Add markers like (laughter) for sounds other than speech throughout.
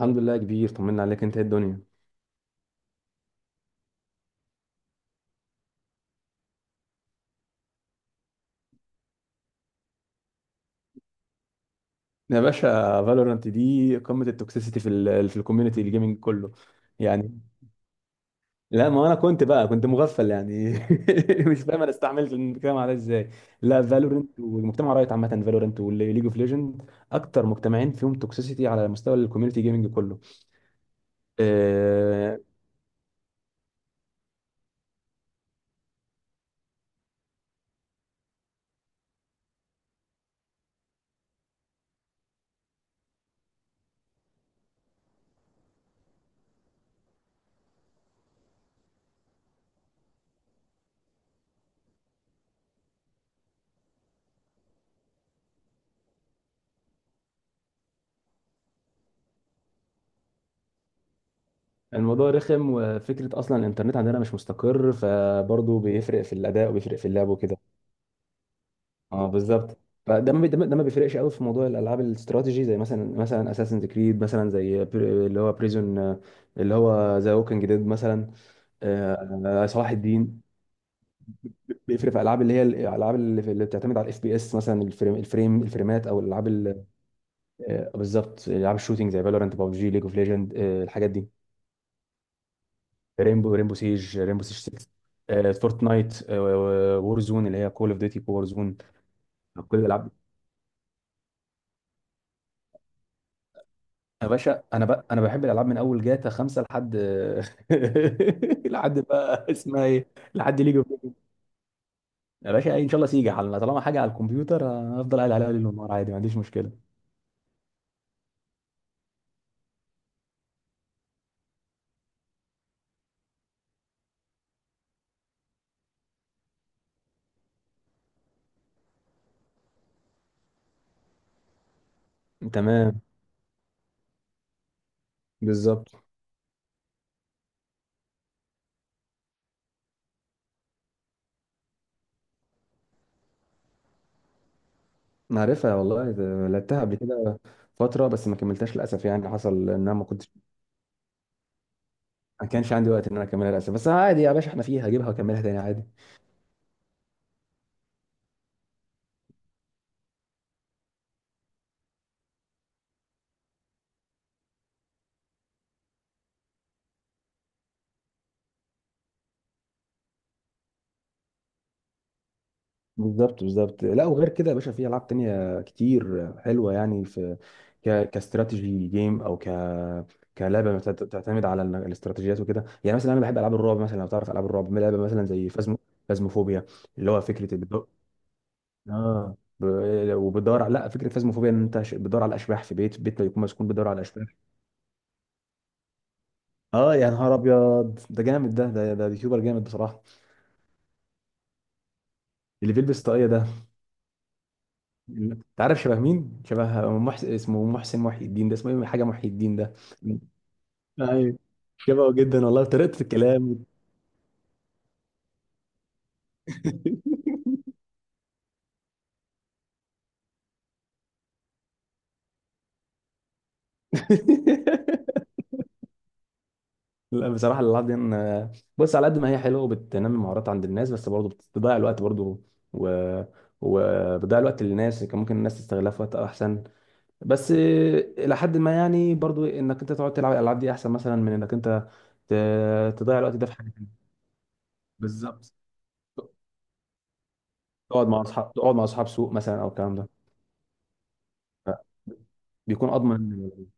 الحمد لله يا كبير، طمنا عليك. انت ايه الدنيا؟ يا باشا، فالورانت دي قمه التوكسيسيتي في الكوميونتي الجيمنج كله. يعني. لا، ما انا كنت مغفل يعني. (laughs) مش فاهم انا استعملت الكلام على ازاي. لا، فالورانت والمجتمع رايت عامه، فالورانت وليج اوف ليجند اكتر مجتمعين فيهم توكسيسيتي على مستوى الكوميونتي جيمنج كله. آه، الموضوع رخم. وفكره اصلا الانترنت عندنا مش مستقر، فبرضه بيفرق في الاداء وبيفرق في اللعب وكده. اه بالظبط. فده ما بي- ده ما ده ما بيفرقش قوي في موضوع الالعاب الاستراتيجي، زي مثلا اساسن كريد، مثلا زي اللي هو بريزون، اللي هو ذا ووكينج ديد مثلا. آه، صلاح الدين. بيفرق في العاب اللي هي الالعاب اللي بتعتمد على الاف بي اس مثلا، الفريمات او الالعاب آه، بالظبط، العاب الشوتينج زي فالورانت، بابجي، ليج اوف ليجند، الحاجات دي. ريمبو سيج 6. فورتنايت، وور زون اللي هي كول اوف ديوتي وور زون. كل الالعاب. يا باشا، انا بقى انا بحب الالعاب من اول جاتا خمسه لحد (laughs) لحد بقى اسمها ايه، لحد ليج اوف ليجندز. يا باشا ان شاء الله، سيجي على طالما حاجه على الكمبيوتر هفضل قاعد عليها ليل ونهار عادي، ما عنديش مشكله. تمام، بالظبط. أنا عارفها والله، لعبتها قبل كده فتره، بس ما كملتهاش للاسف. يعني حصل ان انا ما كنتش ما كانش عندي وقت ان انا اكملها للاسف، بس عادي يا باشا، احنا فيها، هجيبها واكملها تاني عادي. بالظبط بالظبط. لا، وغير كده يا باشا، في العاب تانية كتير حلوه، يعني في كاستراتيجي جيم، او كلعبه بتعتمد على الاستراتيجيات وكده. يعني مثلا انا بحب العاب الرعب مثلا، لو تعرف العاب الرعب، لعبه مثلا زي فازمو، فازموفوبيا، اللي هو فكره اه، وبتدور على، لا، فكره فازموفوبيا ان انت بتدور على اشباح في بيت بيكون مسكون، بتدور على اشباح. اه يا نهار ابيض، ده جامد، ده يوتيوبر جامد بصراحه. اللي بيلبس طاقيه ده، انت عارف شبه مين؟ شبه محسن، اسمه محسن محي الدين، ده اسمه ايه، حاجه محي الدين ده. ايوه، شبهه جدا والله وطريقه الكلام. (laughs) لا بصراحه الالعاب دي بص، على قد ما هي حلوه وبتنمي مهارات عند الناس، بس برضه بتضيع الوقت برضه، و، وبتضيع الوقت للناس كان ممكن الناس تستغلها في وقت احسن. بس الى حد ما يعني، برضو انك انت تقعد تلعب الالعاب دي احسن مثلا من انك انت تضيع الوقت ده في حاجه تانية. بالظبط. تقعد مع اصحاب سوق مثلا، او الكلام ده بيكون اضمن إن الولد.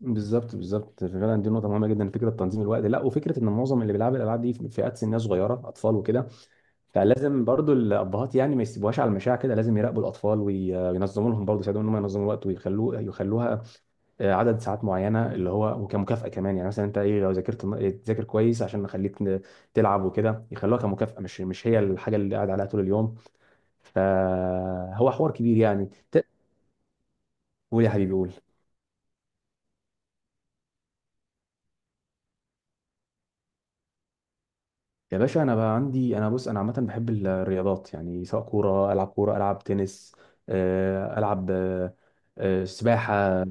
بالظبط بالظبط، فعلا دي نقطه مهمه جدا فكره تنظيم الوقت. لا، وفكره ان معظم اللي بيلعبوا الالعاب دي في فئات سنيه صغيره، اطفال وكده، فلازم برضو الابهات يعني ما يسيبوهاش على المشاع كده، لازم يراقبوا الاطفال وينظموا لهم برضو، يساعدوهم ان هم ينظموا الوقت، ويخلوه يخلوها عدد ساعات معينه، اللي هو كمكافاه كمان. يعني مثلا انت ايه، لو ذاكرت، تذاكر كويس عشان نخليك تلعب وكده، يخلوها كمكافاه، مش هي الحاجه اللي قاعد عليها طول اليوم. فهو حوار كبير يعني قول يا حبيبي، قول. يا باشا انا بقى عندي انا بص انا عامه بحب الرياضات، يعني سواء العب كوره العب تنس، العب سباحه.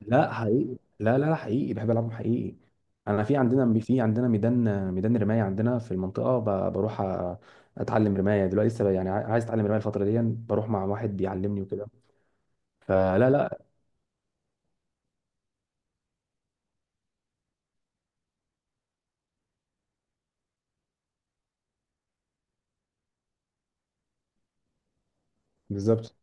لا حقيقي، لا لا لا، حقيقي بحب العبهم حقيقي. انا في عندنا في عندنا ميدان رمايه عندنا في المنطقه، بروح اتعلم رمايه دلوقتي لسه، يعني عايز اتعلم رمايه الفتره دي، بروح مع واحد بيعلمني وكده. فلا لا. بالظبط.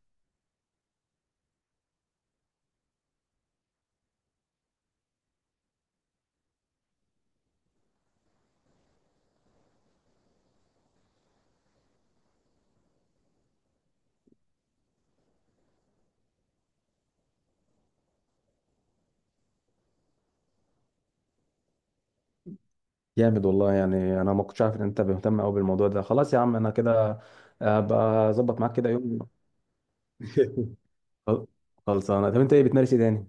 جامد والله، يعني انا ما كنتش عارف ان انت مهتم قوي بالموضوع ده، خلاص يا عم انا كده ابقى اظبط معاك كده يوم. (laughs) خل- خلصانه. طب انت ايه بتمارس ايه تاني؟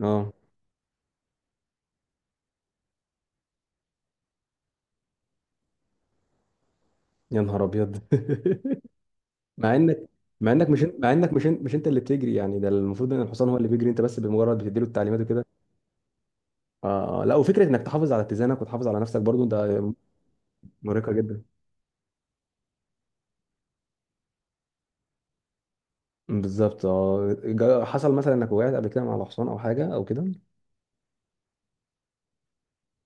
اه، يا نهار ابيض. (laughs) مع انك مش انت اللي بتجري، يعني ده المفروض ان الحصان هو اللي بيجري، انت بس بمجرد بتديله التعليمات وكده. آه آه. لا، وفكره انك تحافظ على اتزانك وتحافظ على نفسك برضو ده مرهقه جدا. بالظبط. اه حصل مثلا انك وقعت قبل كده مع الحصان او حاجه او كده؟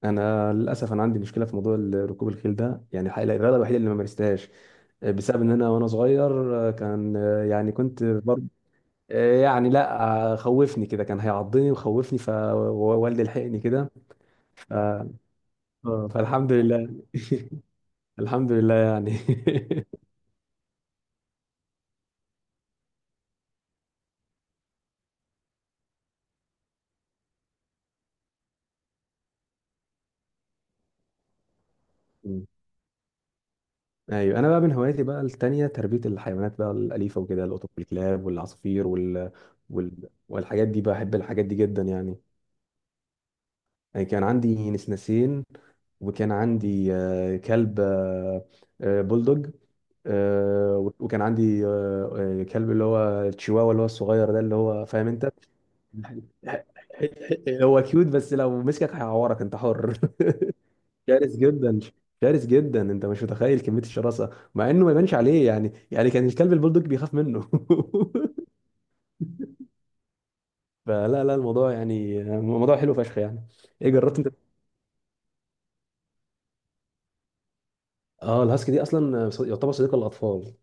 انا عندي مشكله في موضوع ركوب الخيل ده، يعني الحقيقة الرياضه الوحيده اللي ما مارستهاش بسبب ان انا وانا صغير، كان يعني كنت، يعني لا، خوفني كده، كان هيعضني وخوفني فوالدي لحقني كده. ف... فالحمد لله. (laughs) الحمد لله يعني. (laughs) مم. ايوه، انا بقى من هواياتي بقى التانية تربية الحيوانات بقى الأليفة وكده، القطط والكلاب والعصافير والحاجات دي، بحب الحاجات دي جدا يعني. يعني كان عندي نسناسين، وكان عندي كلب، بولدوج، وكان عندي كلب اللي هو التشيواوا اللي هو الصغير ده اللي هو، فاهم انت؟ (laughs) هو كيوت، بس لو مسكك هيعورك انت حر. (laughs) شرس جدا. شرس جدا، انت مش متخيل كمية الشراسة، مع انه ما يبانش عليه يعني كان الكلب البولدوج بيخاف منه. (laughs) فلا لا، الموضوع يعني موضوع حلو فشخ يعني. ايه جربت انت؟ اه، الهاسكي دي اصلا يعتبر صديق الاطفال.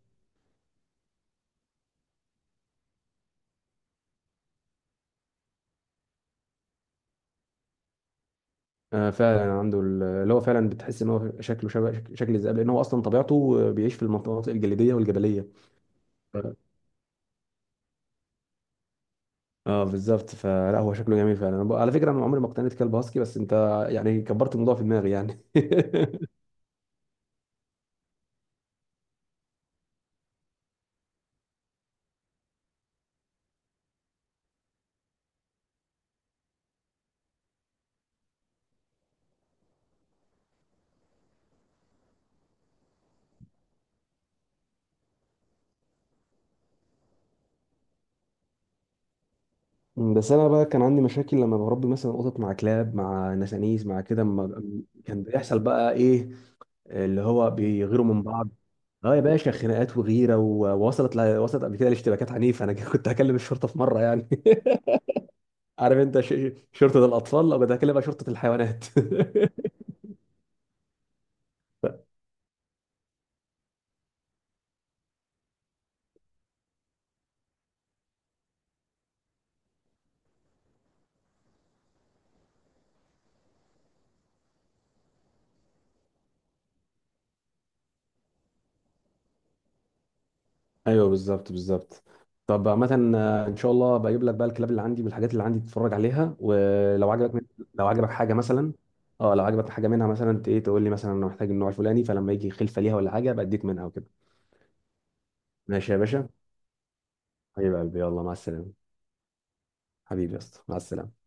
آه فعلا، عنده اللي هو، فعلا بتحس ان هو شكله شبه شكل الذئاب، لان هو اصلا طبيعته بيعيش في المناطق الجليديه والجبليه. اه بالظبط، فلا هو شكله جميل فعلا، أنا على فكره انا عمري ما اقتنيت كلب هاسكي، بس انت، يعني كبرت الموضوع في دماغي يعني. (laughs) بس انا بقى كان عندي مشاكل لما بربي مثلا قطط مع كلاب مع نسانيس مع كده كان بيحصل بقى ايه؟ اللي هو بيغيروا من بعض. اه يا باشا، خناقات وغيره، ووصلت وصلت قبل كده لاشتباكات عنيفه انا، (laughs) كنت هكلم الشرطه في مره يعني. (laughs) عارف انت شرطه الاطفال، او كنت هكلمها شرطه الحيوانات. (laughs) ايوه بالظبط بالظبط. طب عامة ان شاء الله بجيب لك بقى الكلاب اللي عندي والحاجات اللي عندي تتفرج عليها، ولو عجبك لو عجبك حاجة مثلا، اه لو عجبك حاجة منها مثلا ايه، تقول لي مثلا انا محتاج النوع الفلاني، فلما يجي خلفة ليها ولا حاجة بديك منها وكده. ماشي يا باشا. حبيب قلبي، يلا مع السلامة. حبيبي يا اسطى، مع السلامة.